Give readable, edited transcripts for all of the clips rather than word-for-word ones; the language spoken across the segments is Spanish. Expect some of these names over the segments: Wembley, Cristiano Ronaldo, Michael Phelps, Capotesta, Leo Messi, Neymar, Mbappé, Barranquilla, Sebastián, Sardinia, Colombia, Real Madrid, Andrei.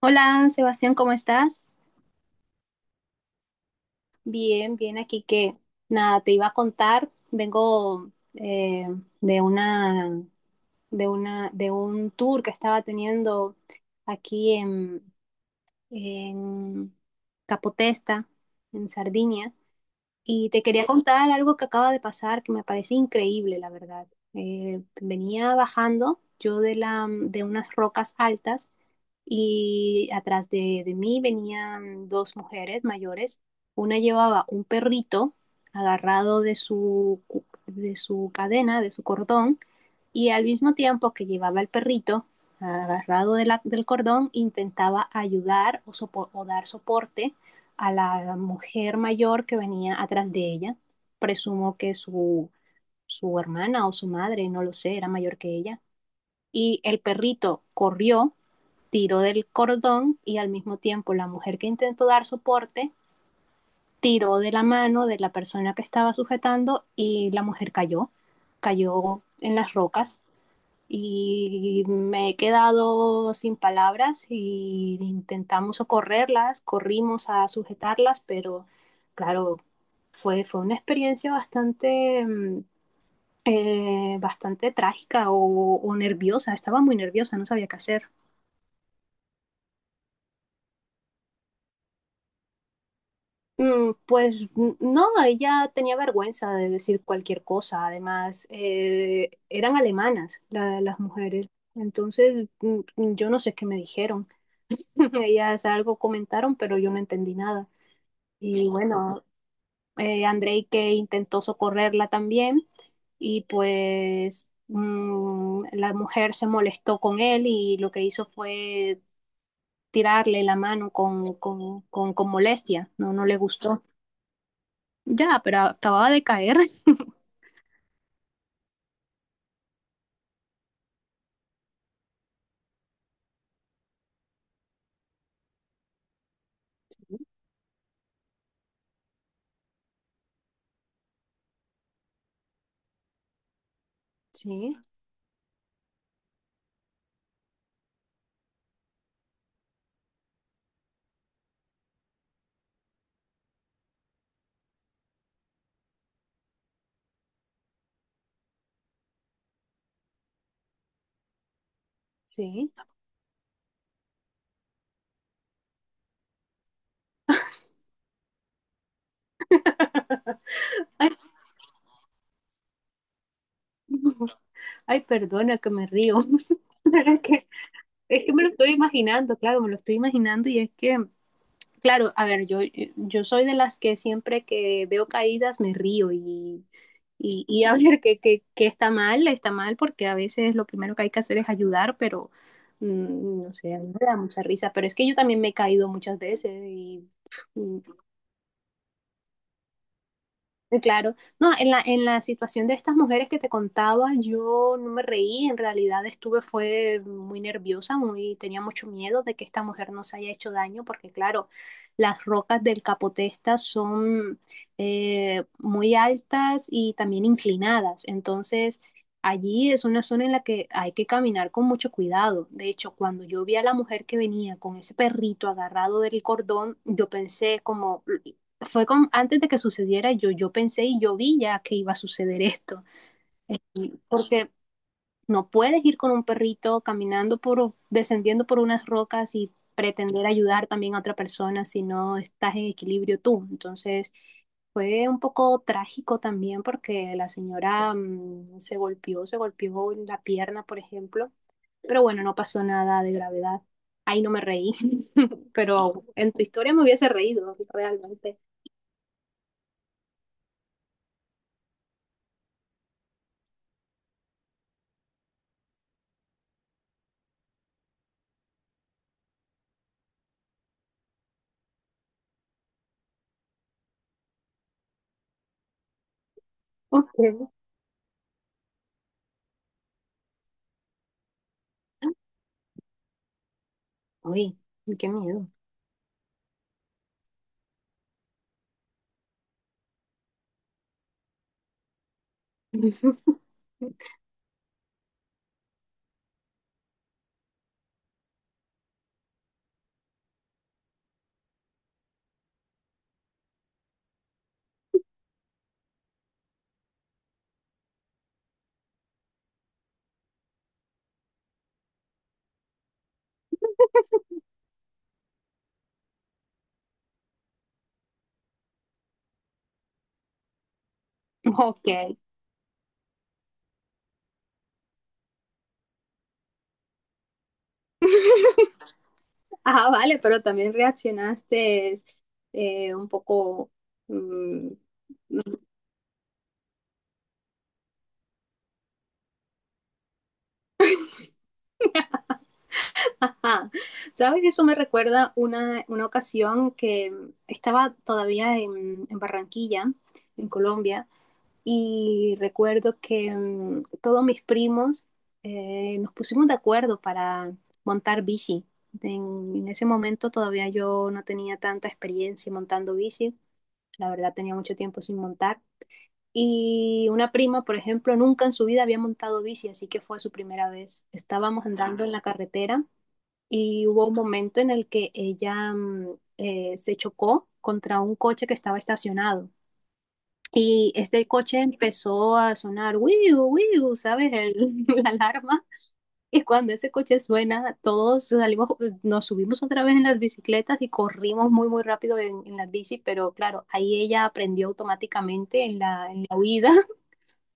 Hola, Sebastián, ¿cómo estás? Bien, bien, aquí que nada, te iba a contar, vengo de una, de un tour que estaba teniendo aquí en Capotesta, en Sardinia, y te quería contar algo que acaba de pasar que me parece increíble, la verdad. Venía bajando yo de unas rocas altas y atrás de mí venían dos mujeres mayores. Una llevaba un perrito agarrado de su cadena, de su cordón, y al mismo tiempo que llevaba el perrito agarrado del cordón, intentaba ayudar o dar soporte a la mujer mayor que venía atrás de ella. Presumo que su hermana o su madre, no lo sé, era mayor que ella. Y el perrito corrió, tiró del cordón y al mismo tiempo la mujer que intentó dar soporte tiró de la mano de la persona que estaba sujetando y la mujer cayó, cayó en las rocas y me he quedado sin palabras y intentamos socorrerlas, corrimos a sujetarlas, pero claro, fue una experiencia bastante, bastante trágica o nerviosa, estaba muy nerviosa, no sabía qué hacer. Pues no, ella tenía vergüenza de decir cualquier cosa. Además, eran alemanas las mujeres. Entonces, yo no sé qué me dijeron. Ellas algo comentaron, pero yo no entendí nada. Y bueno, Andrei que intentó socorrerla también. Y pues la mujer se molestó con él y lo que hizo fue tirarle la mano con molestia. No, no le gustó. Ya, pero acababa de caer. Sí, sí. Ay, ay, perdona que me río. Pero es que me lo estoy imaginando, claro, me lo estoy imaginando y es que, claro, a ver, yo, soy de las que siempre que veo caídas me río y a ver que está mal porque a veces lo primero que hay que hacer es ayudar, pero no sé, a mí me da mucha risa, pero es que yo también me he caído muchas veces y mm, claro, no, en la situación de estas mujeres que te contaba, yo no me reí, en realidad estuve, fue muy nerviosa, muy, tenía mucho miedo de que esta mujer nos haya hecho daño, porque claro, las rocas del Capotesta son muy altas y también inclinadas, entonces allí es una zona en la que hay que caminar con mucho cuidado. De hecho, cuando yo vi a la mujer que venía con ese perrito agarrado del cordón, yo pensé como fue con, antes de que sucediera, yo pensé y yo vi ya que iba a suceder esto, porque no puedes ir con un perrito caminando por, descendiendo por unas rocas y pretender ayudar también a otra persona si no estás en equilibrio tú. Entonces, fue un poco trágico también porque la señora se golpeó la pierna, por ejemplo, pero bueno, no pasó nada de gravedad. Ahí no me reí, pero en tu historia me hubiese reído realmente. Okay. Uy, qué miedo. Ok. Ah, vale, pero también reaccionaste un poco... mm, ajá. ¿Sabes? Eso me recuerda una, ocasión que estaba todavía en Barranquilla, en Colombia, y recuerdo que todos mis primos nos pusimos de acuerdo para montar bici. en ese momento todavía yo no tenía tanta experiencia montando bici. La verdad, tenía mucho tiempo sin montar. Y una prima, por ejemplo, nunca en su vida había montado bici, así que fue su primera vez. Estábamos andando en la carretera y hubo un momento en el que ella se chocó contra un coche que estaba estacionado. Y este coche empezó a sonar, wiu, wiu, ¿sabes? El- la alarma. Y cuando ese coche suena, todos salimos, nos subimos otra vez en las bicicletas y corrimos muy, muy rápido en, las bicis, pero claro, ahí ella aprendió automáticamente en la huida.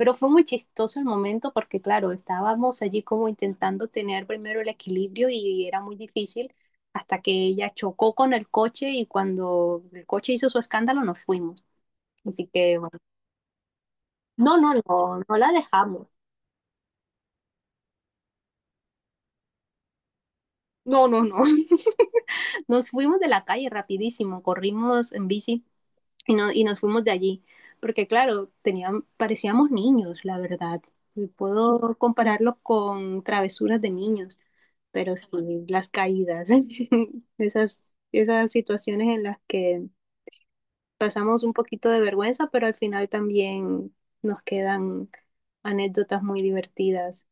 Pero fue muy chistoso el momento porque, claro, estábamos allí como intentando tener primero el equilibrio y era muy difícil hasta que ella chocó con el coche y cuando el coche hizo su escándalo nos fuimos. Así que, bueno, no, no, no, no la dejamos. No, no, no. Nos fuimos de la calle rapidísimo, corrimos en bici y, no, y nos fuimos de allí, porque claro, tenían, parecíamos niños, la verdad. Y puedo compararlo con travesuras de niños, pero sí, las caídas, esas, esas situaciones en las que pasamos un poquito de vergüenza, pero al final también nos quedan anécdotas muy divertidas.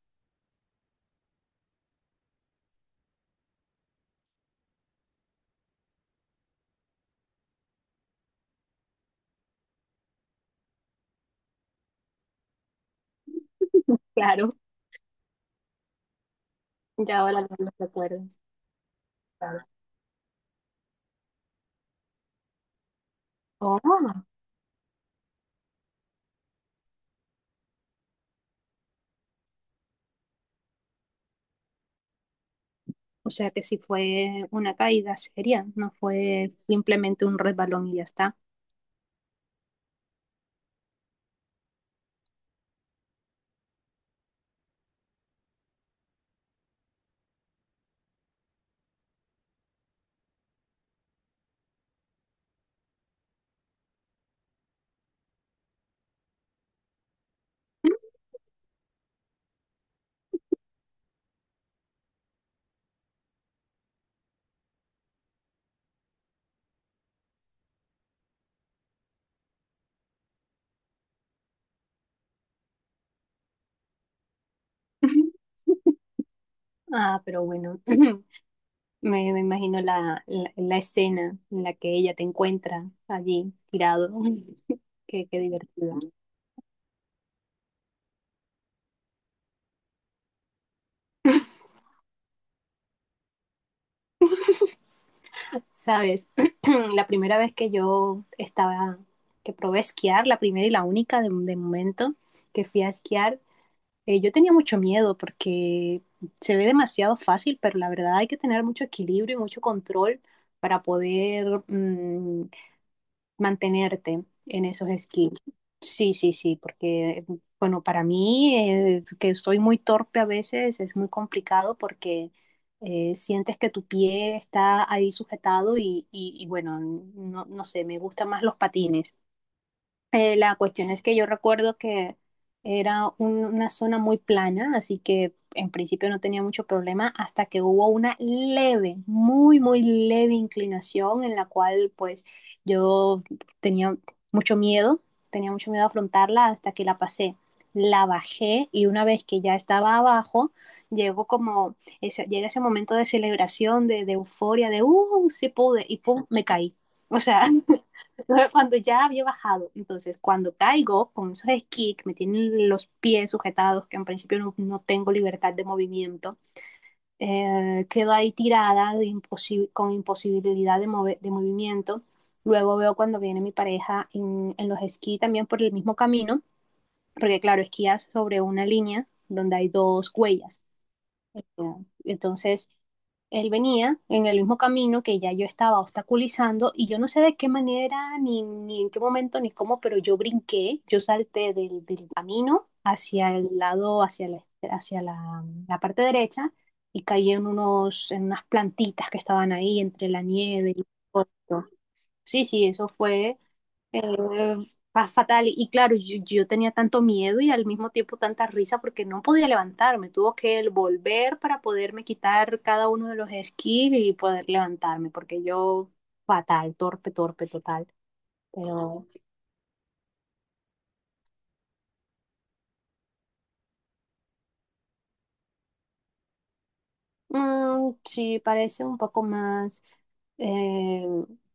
Claro, ya ahora no los recuerdos. Claro. Oh, o sea que sí fue una caída seria, no fue simplemente un resbalón y ya está. Ah, pero bueno, me imagino la escena en la que ella te encuentra allí tirado. Uy, qué divertido. Sabes, la primera vez que que probé esquiar, la primera y la única de momento que fui a esquiar, yo tenía mucho miedo porque se ve demasiado fácil, pero la verdad hay que tener mucho equilibrio y mucho control para poder mantenerte en esos skills. Sí, sí, sí, porque, bueno, para mí, que soy muy torpe a veces, es muy complicado porque sientes que tu pie está ahí sujetado y bueno, no, no sé, me gustan más los patines. La cuestión es que yo recuerdo que era una zona muy plana, así que en principio no tenía mucho problema hasta que hubo una leve, muy, muy leve inclinación en la cual pues yo tenía mucho miedo, tenía mucho miedo a afrontarla hasta que la pasé. La bajé y una vez que ya estaba abajo, llegó como ese, llega ese momento de celebración, de, euforia, de ¡uh! Se pude y ¡pum! Me caí. O sea, Entonces, cuando ya había bajado, entonces cuando caigo con esos esquís que me tienen los pies sujetados, que en principio no tengo libertad de movimiento, quedo ahí tirada de imposi con imposibilidad de movimiento. Luego veo cuando viene mi pareja en, los esquís también por el mismo camino, porque claro, esquías sobre una línea donde hay dos huellas. Ya. Entonces, él venía en el mismo camino que ya yo estaba obstaculizando y yo no sé de qué manera, ni, en qué momento, ni cómo, pero yo brinqué, yo salté del camino hacia el lado, hacia la parte derecha y caí en unas plantitas que estaban ahí entre la nieve y el viento. Sí, sí, eso fue eh, fatal. Y claro, yo tenía tanto miedo y al mismo tiempo tanta risa porque no podía levantarme. Tuvo que él volver para poderme quitar cada uno de los esquís y poder levantarme porque yo fatal, torpe, torpe, total. Pero sí, parece un poco más, eh,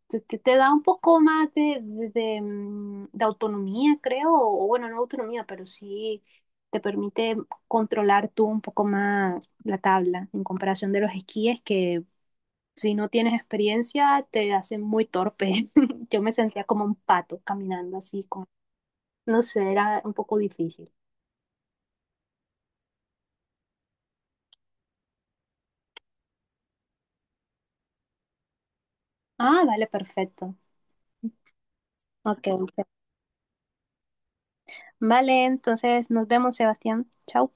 te da un poco más de autonomía, creo, o bueno, no autonomía, pero sí te permite controlar tú un poco más la tabla en comparación de los esquíes que si no tienes experiencia te hacen muy torpe. Yo me sentía como un pato caminando así, no sé, era un poco difícil. Ah, vale, perfecto. Ok, ok. Vale, entonces nos vemos, Sebastián. Chao.